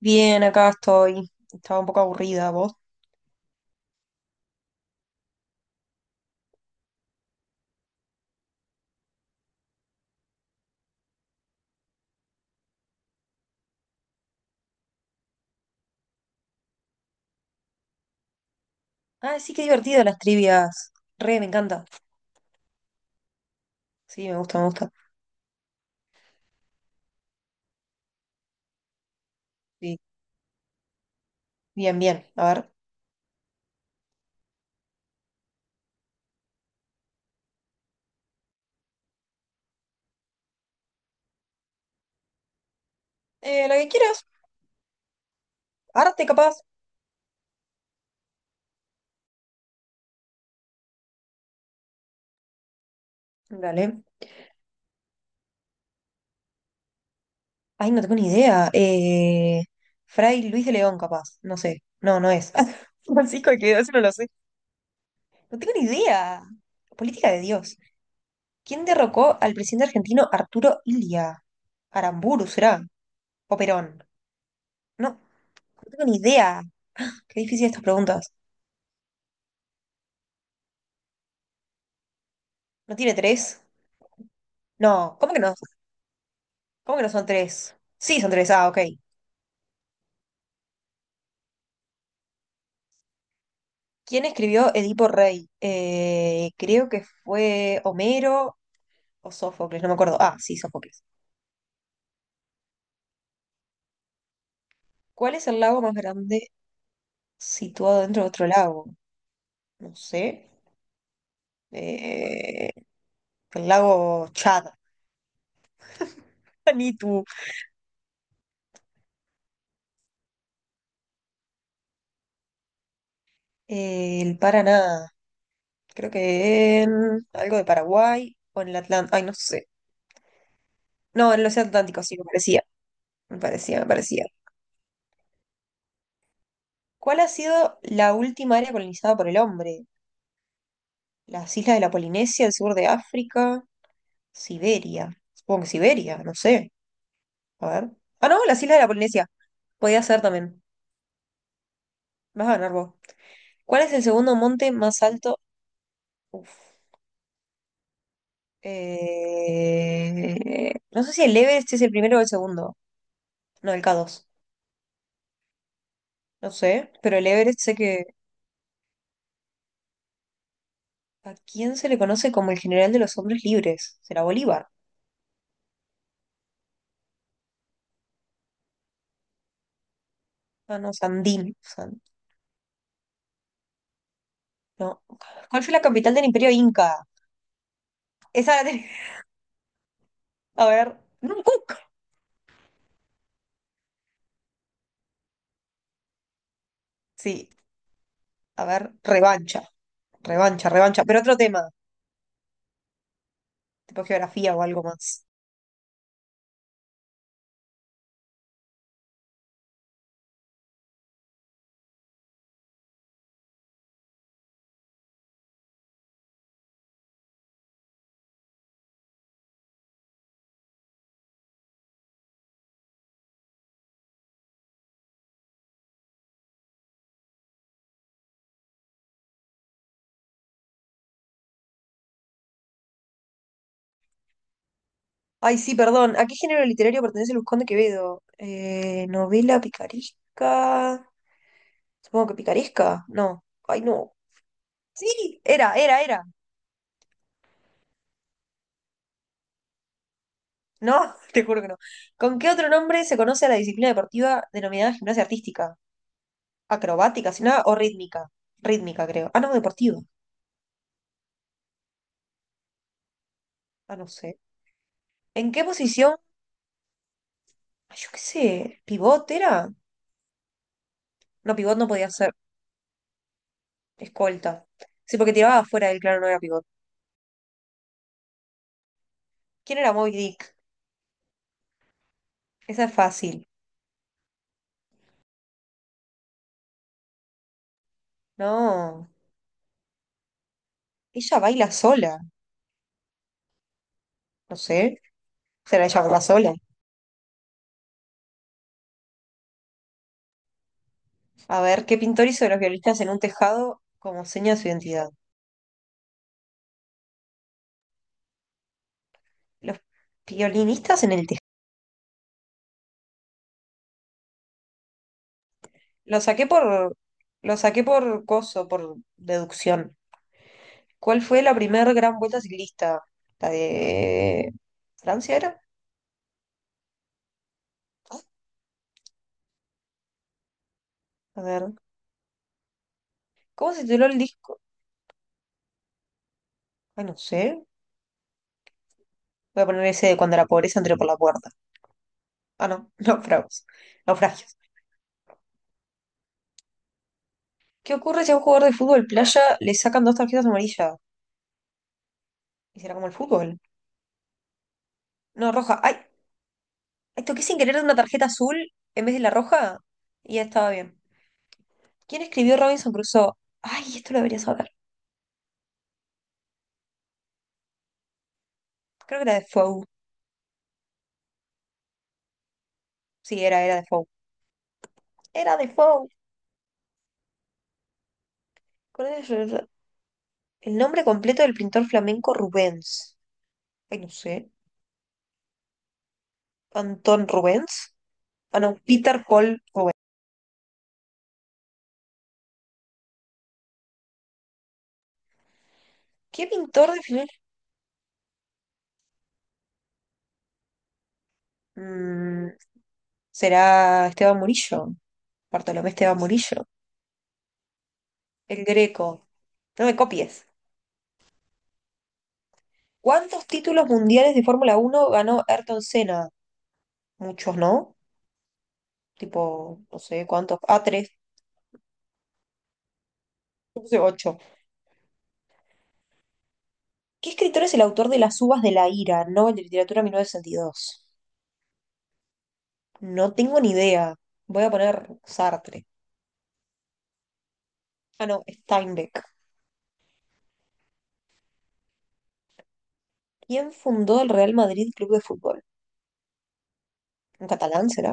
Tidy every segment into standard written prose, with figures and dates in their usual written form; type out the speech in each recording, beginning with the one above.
Bien, acá estoy. Estaba un poco aburrida, ¿vos? Ah, sí, qué divertido las trivias. Re, me encanta. Sí, me gusta, me gusta. Sí, bien, bien. A ver. Lo que quieras. Arte, capaz. Dale. Ay, no tengo ni idea. Fray Luis de León, capaz. No sé. No, no es. Francisco de Quevedo, eso no lo sé. No tengo ni idea. Política de Dios. ¿Quién derrocó al presidente argentino Arturo Illia? Aramburu, ¿será? ¿O Perón? No, no tengo ni idea. Qué difícil estas preguntas. ¿No tiene tres? No, ¿cómo que no? ¿Cómo que no son tres? Sí, son tres. Ah, ok. ¿Quién escribió Edipo Rey? Creo que fue Homero o Sófocles, no me acuerdo. Ah, sí, Sófocles. ¿Cuál es el lago más grande situado dentro de otro lago? No sé. Eh, el lago Chad. Ni tú. El Paraná. Creo que en algo de Paraguay o en el Atlántico. Ay, no sé. No, en el Océano Atlántico, sí, me parecía. Me parecía, me parecía. ¿Cuál ha sido la última área colonizada por el hombre? Las islas de la Polinesia, el sur de África, Siberia. Supongo que Siberia, no sé. A ver. Ah, no, las islas de la Polinesia. Podía ser también. Vas a ganar vos. ¿Cuál es el segundo monte más alto? Uf. No sé si el Everest es el primero o el segundo. No, el K2. No sé. Pero el Everest sé que. ¿A quién se le conoce como el general de los hombres libres? ¿Será Bolívar? Ah, no, Sandín. No. ¿Cuál fue la capital del Imperio Inca? Esa la tenía- A ver. No, Cook. Sí, a ver, revancha, revancha, revancha, pero otro tema, tipo geografía o algo más. Ay, sí, perdón, ¿a qué género literario pertenece Luzcón de Quevedo? Novela picaresca. Supongo que picaresca, no. Ay, no. Sí, era. No, te juro que no. ¿Con qué otro nombre se conoce a la disciplina deportiva denominada gimnasia artística? ¿Acrobática, si nada, o rítmica? Rítmica, creo. Ah, no, deportiva. Ah, no sé. ¿En qué posición? Ay, yo qué sé, ¿pivot era? No, pivot no podía ser. Escolta. Sí, porque tiraba afuera del claro, no era pivot. ¿Quién era Moby Dick? Esa es fácil. No. Ella baila sola. No sé. Será ella baila sola. A ver, ¿qué pintor hizo de los violinistas en un tejado como seña de su identidad? Los violinistas en el tejado. Lo saqué por. Lo saqué por coso, por deducción. ¿Cuál fue la primera gran vuelta ciclista? ¿La de Francia era? A ver. ¿Cómo se tituló el disco? Ay, no sé. Voy a poner ese de cuando la pobreza entró por la puerta. Ah, no, naufragos. Naufragios. ¿Qué ocurre si a un jugador de fútbol playa le sacan dos tarjetas amarillas? ¿Y será como el fútbol? No, roja. ¡Ay! Ay, toqué sin querer una tarjeta azul en vez de la roja y ya estaba bien. ¿Quién escribió Robinson Crusoe? ¡Ay! Esto lo debería saber. Creo que era Defoe. Sí, era Defoe. Era Defoe. ¿Cuál es el nombre completo del pintor flamenco Rubens? Ay, no sé. ¿Antón Rubens? Ah, no, Peter Paul Rubens. ¿Qué pintor definió? el- será Esteban Murillo, Bartolomé Esteban Murillo, el Greco. No me copies. ¿Cuántos títulos mundiales de Fórmula Uno ganó Ayrton Senna? Muchos, ¿no? Tipo, no sé cuántos. Ah, tres, no sé, ocho. ¿Qué escritor es el autor de Las uvas de la ira, Nobel de Literatura 1962. No tengo ni idea. Voy a poner Sartre. Ah, no, Steinbeck. ¿Quién fundó el Real Madrid Club de Fútbol? ¿Un catalán será?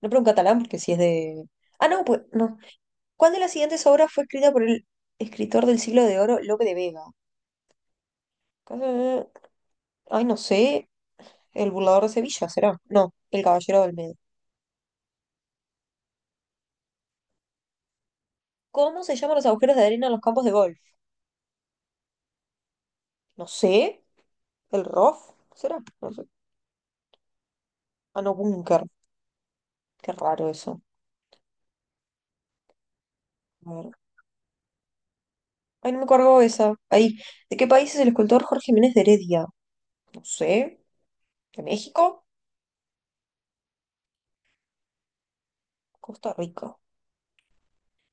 No, pero un catalán porque si es de. Ah, no, pues no. ¿Cuál de las siguientes obras fue escrita por el escritor del siglo de oro, Lope de Vega? Eh, Ay, no sé. El burlador de Sevilla, ¿será? No, el caballero del medio. ¿Cómo se llaman los agujeros de arena en los campos de golf? No sé. ¿El rough? ¿Será? No sé. Ah, no, búnker. Qué raro eso. A ver. Ay, no me cargó esa. Ahí. ¿De qué país es el escultor Jorge Jiménez de Heredia? No sé. ¿De México? Costa Rica.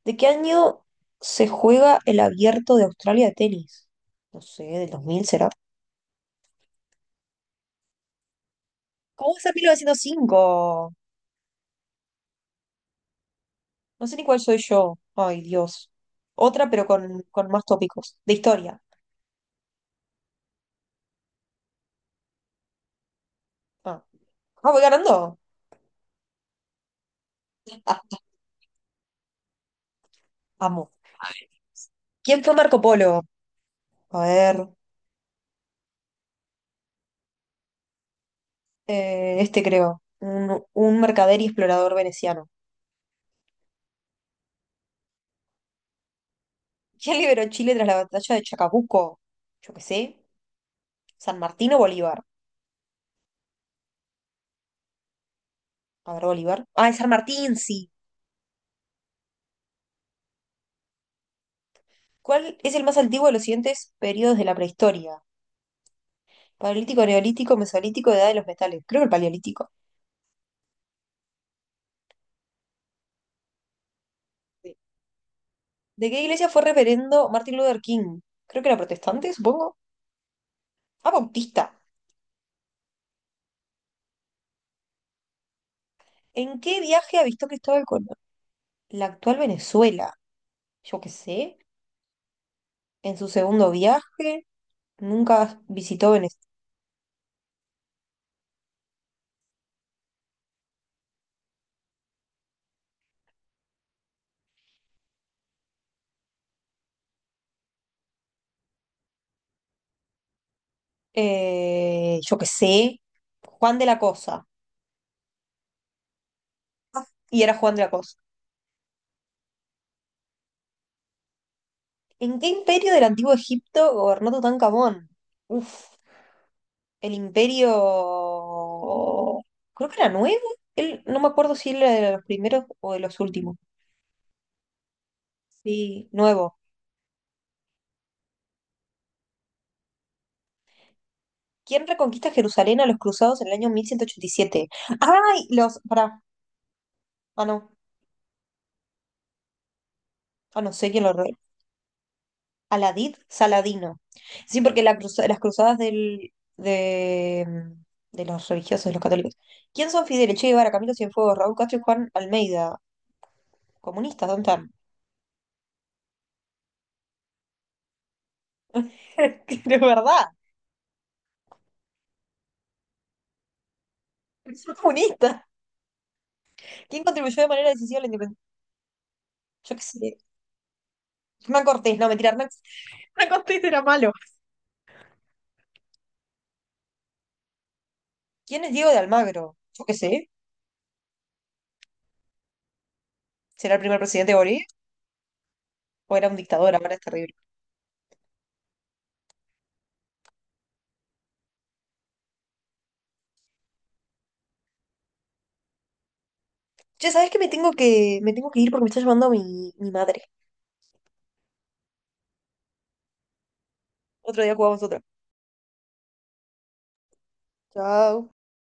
¿De qué año se juega el abierto de Australia de tenis? No sé, ¿del 2000, será? ¿Cómo está 1905? No sé ni cuál soy yo. Ay, Dios. Otra, pero con más tópicos. De historia. Ah, Ah, voy ganando. Amo. ¿Quién fue Marco Polo? A ver, este creo. Un mercader y explorador veneciano. ¿Quién liberó Chile tras la batalla de Chacabuco? Yo qué sé. ¿San Martín o Bolívar? A ver, Bolívar. Ah, es San Martín, sí. ¿Cuál es el más antiguo de los siguientes periodos de la prehistoria? Paleolítico, neolítico, mesolítico, edad de los metales. Creo que el paleolítico. ¿De qué iglesia fue reverendo Martin Luther King? Creo que era protestante, supongo. Ah, bautista. ¿En qué viaje avistó Cristóbal Colón? La actual Venezuela. Yo qué sé. En su segundo viaje, nunca visitó Venezuela. Yo qué sé. Juan de la Cosa. Ah, y era Juan de la Cosa. ¿En qué imperio del antiguo Egipto gobernó Tutankamón? Uf, el imperio. Creo que era nuevo. Él, no me acuerdo si él era de los primeros o de los últimos. Sí, nuevo. ¿Quién reconquista Jerusalén a los cruzados en el año 1187? ¡Ay! Los. Pará. Ah, no. Ah, no sé quién lo. Aladid Saladino. Sí, porque la las cruzadas de los religiosos, de los católicos. ¿Quién son Fidel Che Guevara, Camilo Cienfuegos, Raúl Castro y Juan Almeida? Comunistas, ¿dónde están? De verdad. Son comunistas. ¿Quién contribuyó de manera decisiva a la independencia? Yo qué sé. Hernán Cortés, no, mentira, Hernán Cortés era malo. ¿Quién es Diego de Almagro? Yo qué sé. ¿Será el primer presidente de Bolivia? O era un dictador, ahora es terrible. ¿Che, sabes que me tengo que ir porque me está llamando mi madre? Otro día jugamos otra. Chao.